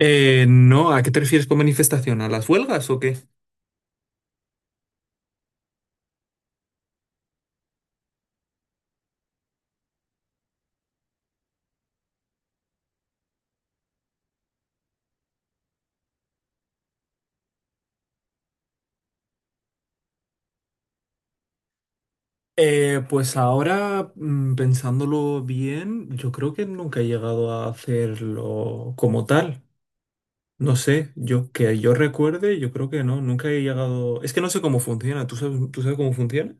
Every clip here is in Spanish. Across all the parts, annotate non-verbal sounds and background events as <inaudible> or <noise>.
No, ¿a qué te refieres con manifestación? ¿A las huelgas o qué? Pues ahora, pensándolo bien, yo creo que nunca he llegado a hacerlo como tal. No sé, yo que yo recuerde, yo creo que no, nunca he llegado. Es que no sé cómo funciona. ¿Tú sabes cómo funciona?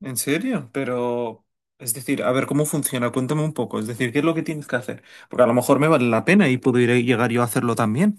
¿En serio? Pero, es decir, a ver, ¿cómo funciona? Cuéntame un poco. Es decir, ¿qué es lo que tienes que hacer? Porque a lo mejor me vale la pena y puedo ir a llegar yo a hacerlo también.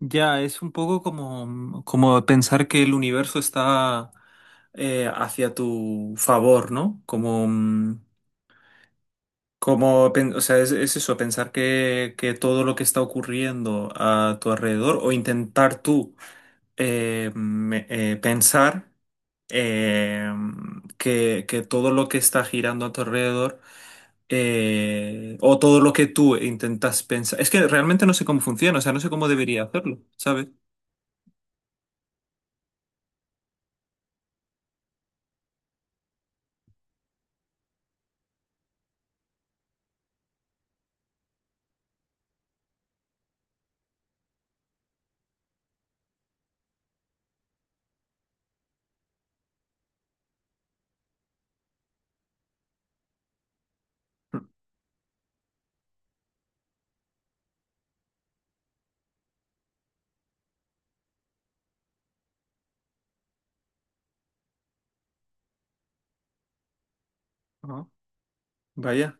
Ya, es un poco como, como pensar que el universo está hacia tu favor, ¿no? Como, como, o sea, es eso, pensar que todo lo que está ocurriendo a tu alrededor o intentar tú pensar eh, que todo lo que está girando a tu alrededor o todo lo que tú intentas pensar. Es que realmente no sé cómo funciona, o sea, no sé cómo debería hacerlo, ¿sabes? Ajá. Vaya.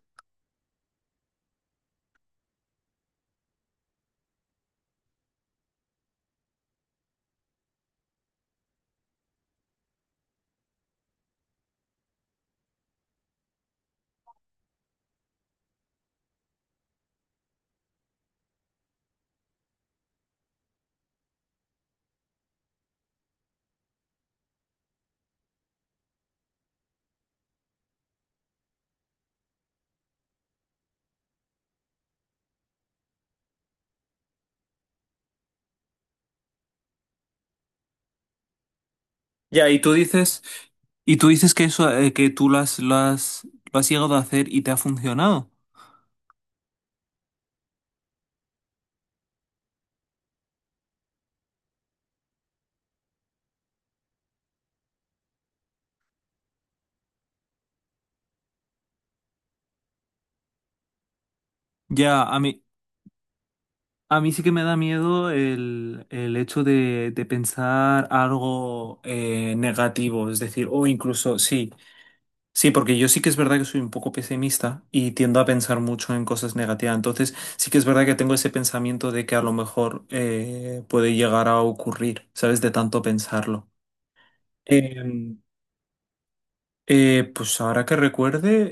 Ya, y tú dices que eso, que tú lo has llegado a hacer y te ha funcionado. Ya, a mí sí que me da miedo el hecho de pensar algo negativo, es decir, o incluso, sí, sí, porque yo sí que es verdad que soy un poco pesimista y tiendo a pensar mucho en cosas negativas. Entonces, sí que es verdad que tengo ese pensamiento de que a lo mejor puede llegar a ocurrir, ¿sabes? De tanto pensarlo. Em, pues ahora que recuerde,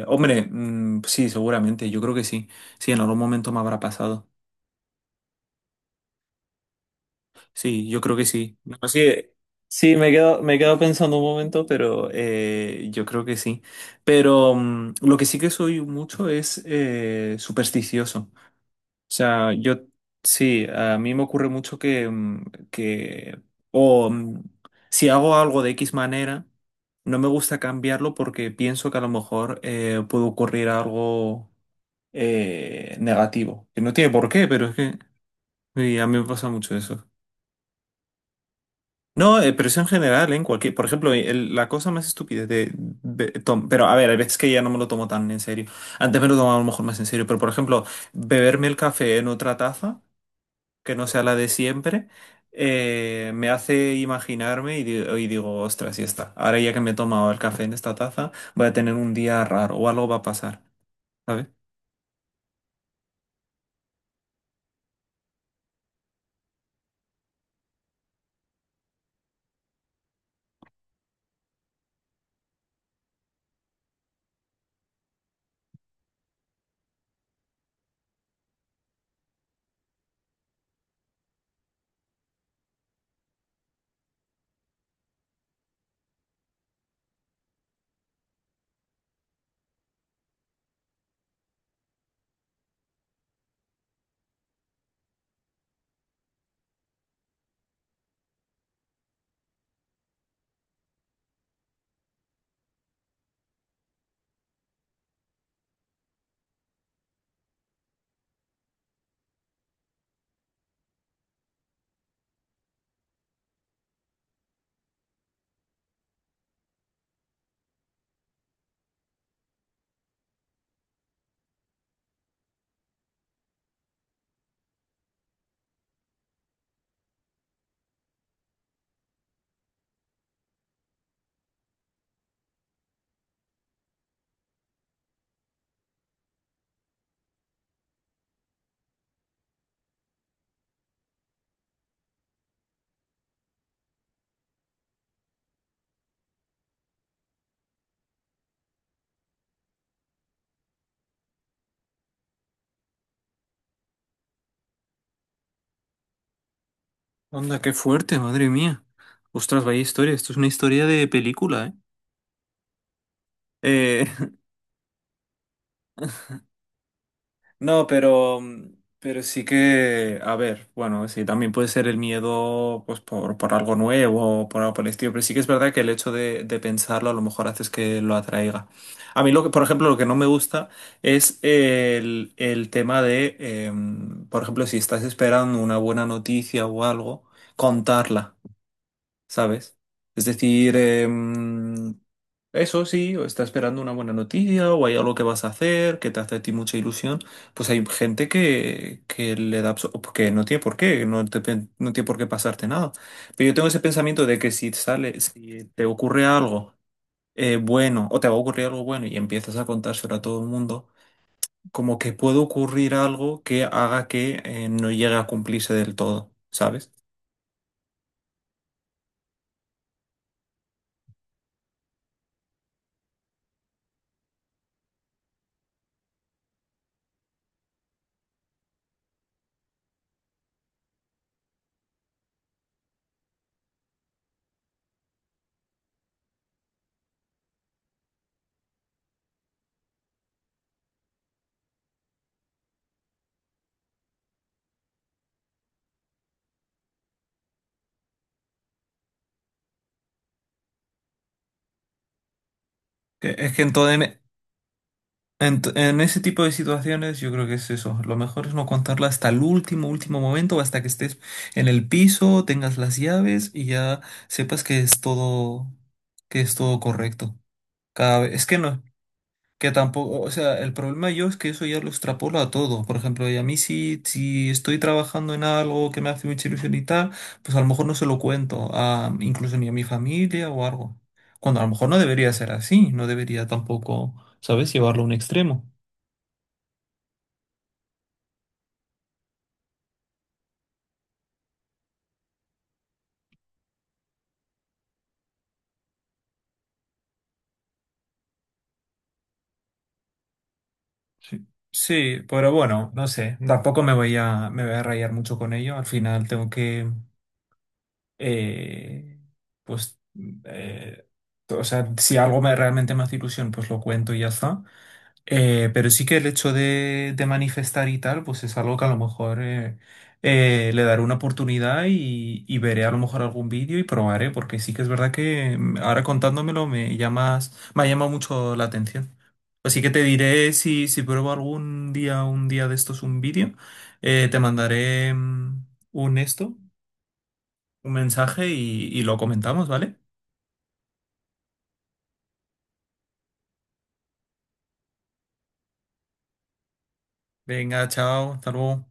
hombre, sí, seguramente, yo creo que sí. Sí, en algún momento me habrá pasado. Sí, yo creo que sí. No, sí, sí, me he quedado pensando un momento, pero yo creo que sí. Pero lo que sí que soy mucho es supersticioso. O sea, yo sí, a mí me ocurre mucho que o mm, si hago algo de X manera, no me gusta cambiarlo porque pienso que a lo mejor puede ocurrir algo negativo. Que no tiene por qué, pero es que y a mí me pasa mucho eso. No, pero eso en general, ¿eh? En cualquier, por ejemplo, la cosa más estúpida de, pero a ver, hay veces que ya no me lo tomo tan en serio. Antes me lo tomaba a lo mejor más en serio, pero por ejemplo, beberme el café en otra taza que no sea la de siempre, me hace imaginarme y digo, ostras, ya está. Ahora ya que me he tomado el café en esta taza, voy a tener un día raro o algo va a pasar, ¿sabes? Onda, qué fuerte, madre mía. Ostras, vaya historia. Esto es una historia de película, ¿eh? Eh, <laughs> No, pero sí que, a ver, bueno, sí, también puede ser el miedo pues por algo nuevo o por algo por el estilo, pero sí que es verdad que el hecho de pensarlo a lo mejor haces que lo atraiga. A mí, lo que, por ejemplo, lo que no me gusta es el tema de, por ejemplo, si estás esperando una buena noticia o algo, contarla, ¿sabes? Es decir, eso sí, o está esperando una buena noticia, o hay algo que vas a hacer, que te hace a ti mucha ilusión. Pues hay gente que le da, que no tiene por qué, no no tiene por qué pasarte nada. Pero yo tengo ese pensamiento de que si sale, si te ocurre algo bueno, o te va a ocurrir algo bueno y empiezas a contárselo a todo el mundo, como que puede ocurrir algo que haga que no llegue a cumplirse del todo, ¿sabes? Es que entonces, en ese tipo de situaciones yo creo que es eso. Lo mejor es no contarla hasta el último, último momento, hasta que estés en el piso, tengas las llaves y ya sepas que es todo correcto. Cada vez, es que no, que tampoco, o sea, el problema yo es que eso ya lo extrapolo a todo. Por ejemplo, y a mí si estoy trabajando en algo que me hace mucha ilusión y tal, pues a lo mejor no se lo cuento, a, incluso ni a mi familia o algo. Cuando a lo mejor no debería ser así, no debería tampoco, ¿sabes?, llevarlo a un extremo. Sí, sí, pero bueno, no sé, tampoco me voy a rayar mucho con ello. Al final tengo que, eh, pues, eh, o sea, si algo me, realmente me hace ilusión, pues lo cuento y ya está. Pero sí que el hecho de manifestar y tal, pues es algo que a lo mejor le daré una oportunidad y veré a lo mejor algún vídeo y probaré, porque sí que es verdad que ahora contándomelo me llamas, me ha llamado mucho la atención. Así que te diré si, si pruebo algún día, un día de estos un vídeo, te mandaré un esto, un mensaje y lo comentamos, ¿vale? Venga, chao, hasta luego.